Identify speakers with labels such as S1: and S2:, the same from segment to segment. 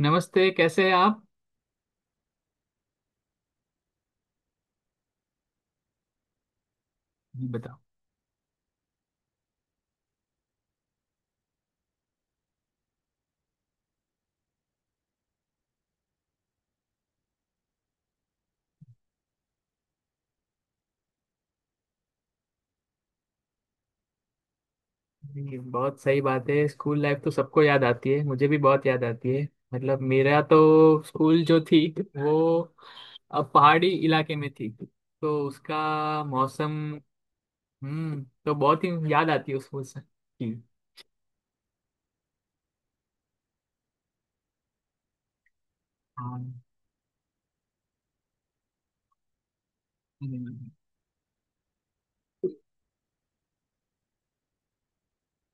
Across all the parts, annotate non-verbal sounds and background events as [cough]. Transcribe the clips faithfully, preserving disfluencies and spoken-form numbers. S1: नमस्ते, कैसे हैं आप? ये बताओ। ये बहुत सही बात है। स्कूल लाइफ तो सबको याद आती है, मुझे भी बहुत याद आती है। मतलब मेरा तो स्कूल जो थी वो अब पहाड़ी इलाके में थी, तो उसका मौसम। हम्म तो बहुत ही याद आती है उस मौसम की। हाँ। हम्म।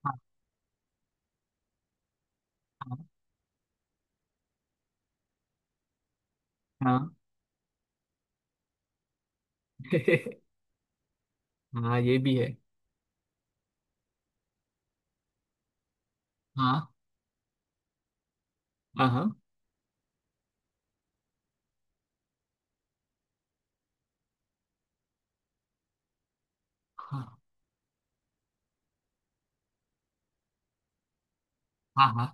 S1: हाँ हाँ। हाँ। [laughs] हाँ, ये भी है। हाँ हाँ। हाँ हाँ। हाँ हाँ।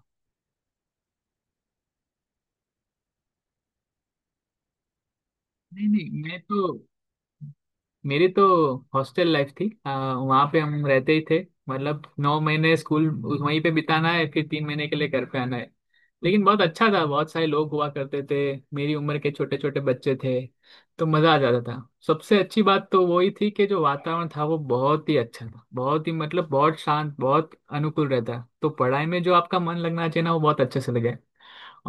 S1: नहीं नहीं, मैं तो मेरी तो हॉस्टल लाइफ थी। आ, वहाँ पे हम रहते ही थे। मतलब नौ महीने स्कूल वहीं पे बिताना है, फिर तीन महीने के लिए घर पे आना है। लेकिन बहुत अच्छा था, बहुत सारे लोग हुआ करते थे। मेरी उम्र के छोटे छोटे बच्चे थे, तो मज़ा आ जाता था। सबसे अच्छी बात तो वही थी कि जो वातावरण था वो बहुत ही अच्छा था, बहुत ही मतलब बहुत शांत, बहुत अनुकूल रहता, तो पढ़ाई में जो आपका मन लगना चाहिए ना वो बहुत अच्छे से लगे।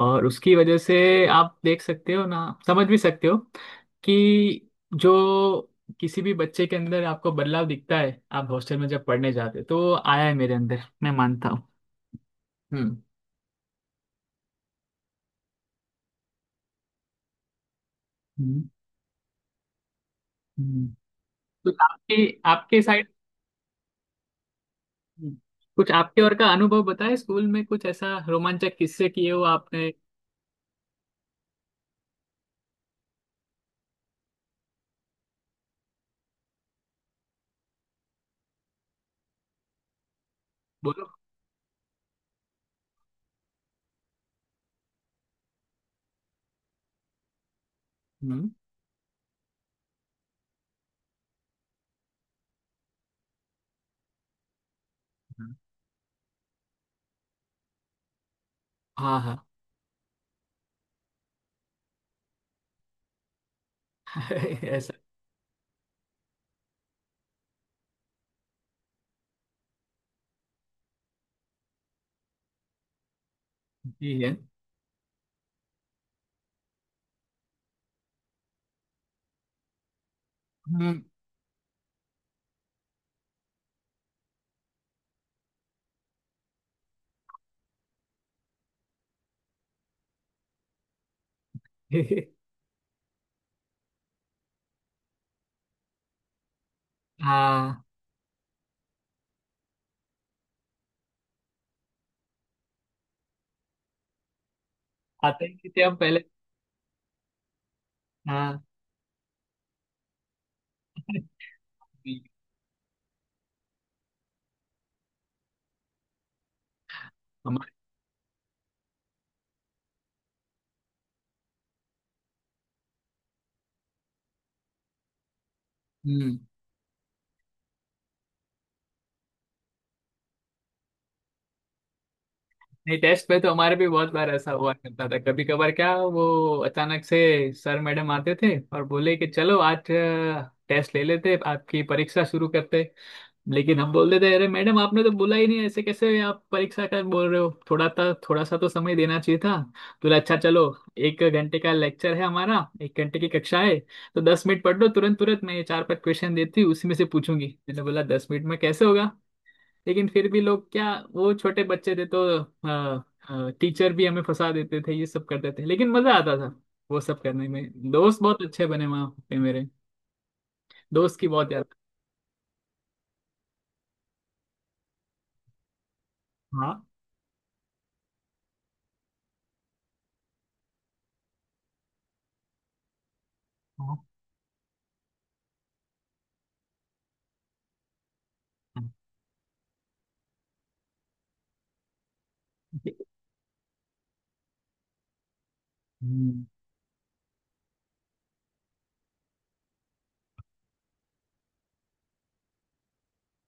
S1: और उसकी वजह से आप देख सकते हो ना, समझ भी सकते हो कि जो किसी भी बच्चे के अंदर आपको बदलाव दिखता है आप हॉस्टल में जब पढ़ने जाते हो, तो वो आया है मेरे अंदर, मैं मानता हूँ। हम्म। हम्म। हम्म। तो आपके आपके साइड। हम्म। कुछ आपके और का अनुभव बताए, स्कूल में कुछ ऐसा रोमांचक किस्से किए हो आपने? बोलो। हम्म। हम्म। हाँ हाँ। [laughs] ऐसा। ही है हम्म। [laughs] हाँ, आते ही थे हम पहले। हाँ। [laughs] हमारे- हम्म। नहीं, टेस्ट पे तो हमारे भी बहुत बार ऐसा हुआ करता था। कभी कभार क्या वो अचानक से सर मैडम आते थे और बोले कि चलो आज टेस्ट ले लेते, आपकी परीक्षा शुरू करते। लेकिन हम बोल देते, अरे मैडम आपने तो बोला ही नहीं, ऐसे कैसे आप परीक्षा का बोल रहे हो, थोड़ा था थोड़ा सा तो समय देना चाहिए था। तो बोला, अच्छा चलो, एक घंटे का लेक्चर है हमारा, एक घंटे की कक्षा है, तो दस मिनट पढ़ लो तुरंत तुरंत, मैं ये चार पांच क्वेश्चन देती हूँ उसी में से पूछूंगी। मैंने बोला, दस मिनट में कैसे होगा? लेकिन फिर भी लोग क्या, वो छोटे बच्चे थे तो टीचर भी हमें फंसा देते थे, ये सब करते थे, लेकिन मजा आता था वो सब करने में। दोस्त बहुत अच्छे बने वहां पे मेरे, दोस्त की बहुत याद। हाँ हाँ। हाँ। हम्म।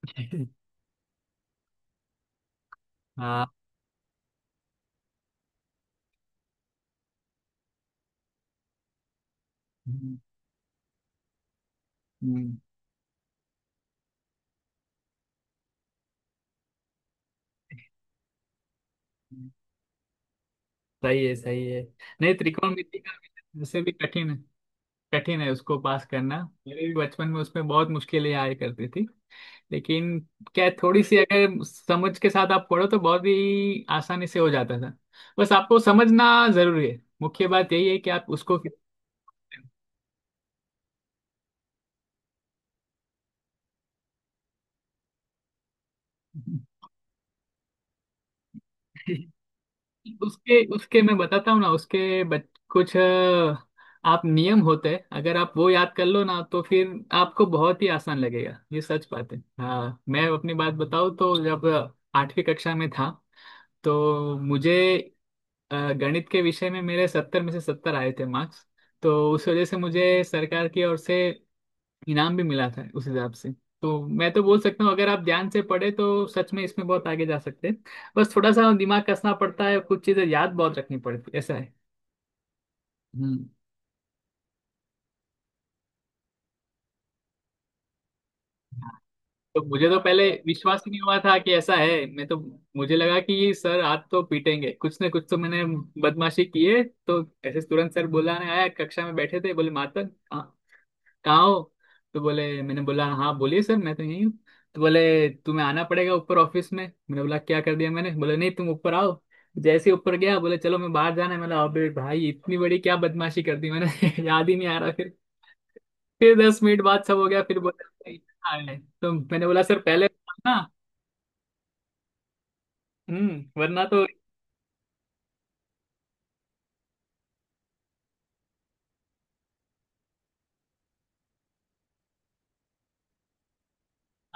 S1: [laughs] हाँ। हम्म। हम्म। सही है सही है। नहीं, त्रिकोणमिति का विषय वैसे भी कठिन है, कठिन है उसको पास करना। मेरे भी बचपन में उसमें बहुत मुश्किलें आया करती थी। लेकिन क्या है, थोड़ी सी अगर समझ के साथ आप पढ़ो तो बहुत ही आसानी से हो जाता था। बस आपको समझना जरूरी है, मुख्य बात यही है कि आप उसको [laughs] उसके उसके मैं बताता हूँ ना, उसके बच, कुछ अ, आप नियम होते हैं, अगर आप वो याद कर लो ना तो फिर आपको बहुत ही आसान लगेगा। ये सच बात है। हाँ, मैं अपनी बात बताऊँ तो जब आठवीं कक्षा में था, तो मुझे अ, गणित के विषय में मेरे सत्तर में से सत्तर आए थे मार्क्स। तो उस वजह से मुझे सरकार की ओर से इनाम भी मिला था उस हिसाब से। तो मैं तो बोल सकता हूँ, अगर आप ध्यान से पढ़े तो सच में इसमें बहुत आगे जा सकते हैं। बस थोड़ा सा दिमाग कसना पड़ता है, कुछ चीजें याद बहुत रखनी पड़ती है, ऐसा है। हम्म। हाँ, तो मुझे तो पहले विश्वास ही नहीं हुआ था कि ऐसा है। मैं तो मुझे लगा कि सर आज तो पीटेंगे, कुछ ना कुछ तो मैंने बदमाशी की है, तो ऐसे तुरंत सर बुलाने आया। कक्षा में बैठे थे, बोले, मातक कहाँ हो? तो बोले, मैंने बोला, हाँ बोलिए सर, मैं तो यहीं हूँ। तो बोले, तुम्हें आना पड़ेगा ऊपर ऑफिस में। मैंने बोला, क्या कर दिया मैंने? बोले, नहीं तुम ऊपर आओ। जैसे ही ऊपर गया, बोले, चलो मैं बाहर जाना है। मैंने बोला, अबे भाई इतनी बड़ी क्या बदमाशी कर दी मैंने? [laughs] याद ही नहीं आ रहा फिर। फिर दस मिनट बाद सब हो गया, फिर बोला, भाई, आए। तो मैंने बोला, सर पहले बताना। हम्म, वरना तो।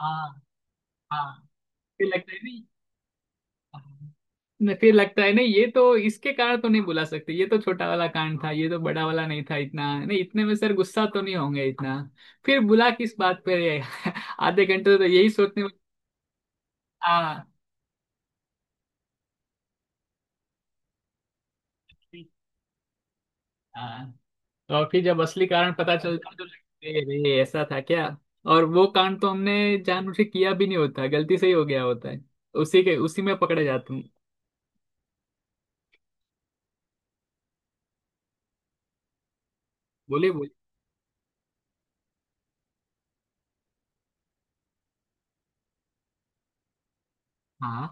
S1: हाँ हाँ। फिर लगता है, न फिर लगता है नहीं, ये तो इसके कारण तो नहीं बुला सकते, ये तो छोटा वाला कांड था, ये तो बड़ा वाला नहीं था इतना, नहीं इतने में सर गुस्सा तो नहीं होंगे इतना। फिर बुला किस बात पर है? आधे घंटे तो यही सोचने में। हाँ हाँ। तो और फिर जब असली कारण पता चलता तो लगता है, अरे ये ऐसा था क्या। और वो कांड तो हमने जानबूझ के किया भी नहीं होता, गलती से ही हो गया होता है, उसी के उसी में पकड़े जाते हैं। बोले बोले। हाँ।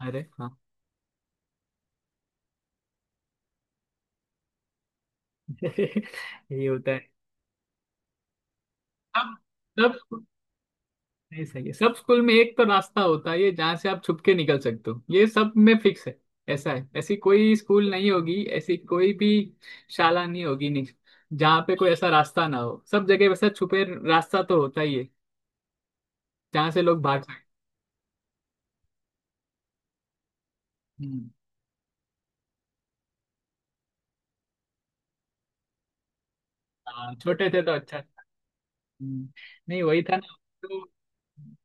S1: अरे हाँ। [laughs] यही होता है। तब। तब। नहीं, सही है। सब स्कूल में एक तो रास्ता होता है ये, जहाँ से आप छुप के निकल सकते हो, ये सब में फिक्स है। ऐसा है। ऐसी कोई स्कूल नहीं होगी, ऐसी कोई भी शाला नहीं होगी, नहीं जहाँ पे कोई ऐसा रास्ता ना हो। सब जगह वैसा छुपे रास्ता तो होता ही है, जहाँ से लोग भाग सकते हैं। हम्म। हाँ, छोटे थे तो अच्छा था। हम्म। नहीं वही था ना, तो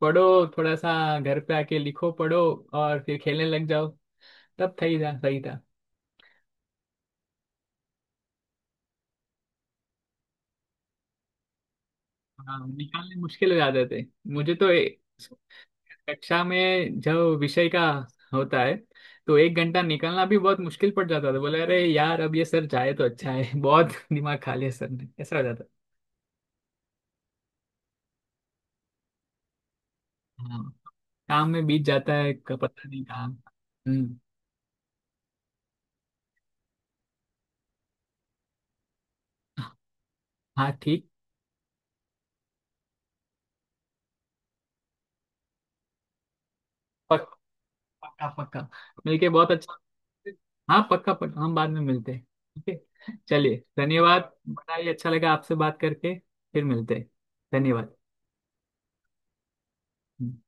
S1: पढ़ो थोड़ा सा, घर पे आके लिखो पढ़ो, और फिर खेलने लग जाओ। तब सही था सही था। हाँ, निकालने मुश्किल हो जाते थे। मुझे तो कक्षा में जो विषय का होता है, तो एक घंटा निकालना भी बहुत मुश्किल पड़ जाता था, बोले, अरे यार अब ये सर जाए तो अच्छा है। [laughs] बहुत दिमाग खा लिया सर ने, ऐसा हो जाता है। हाँ, काम में बीत जाता है। क- पता नहीं काम। हम्म। हाँ ठीक। पक, पक्का पक्का। मिलके बहुत अच्छा। [laughs] हाँ पक्का पक्का, हम बाद में मिलते हैं। ठीक है, चलिए धन्यवाद, बताइए, अच्छा लगा आपसे बात करके, फिर मिलते हैं। धन्यवाद। हम्म।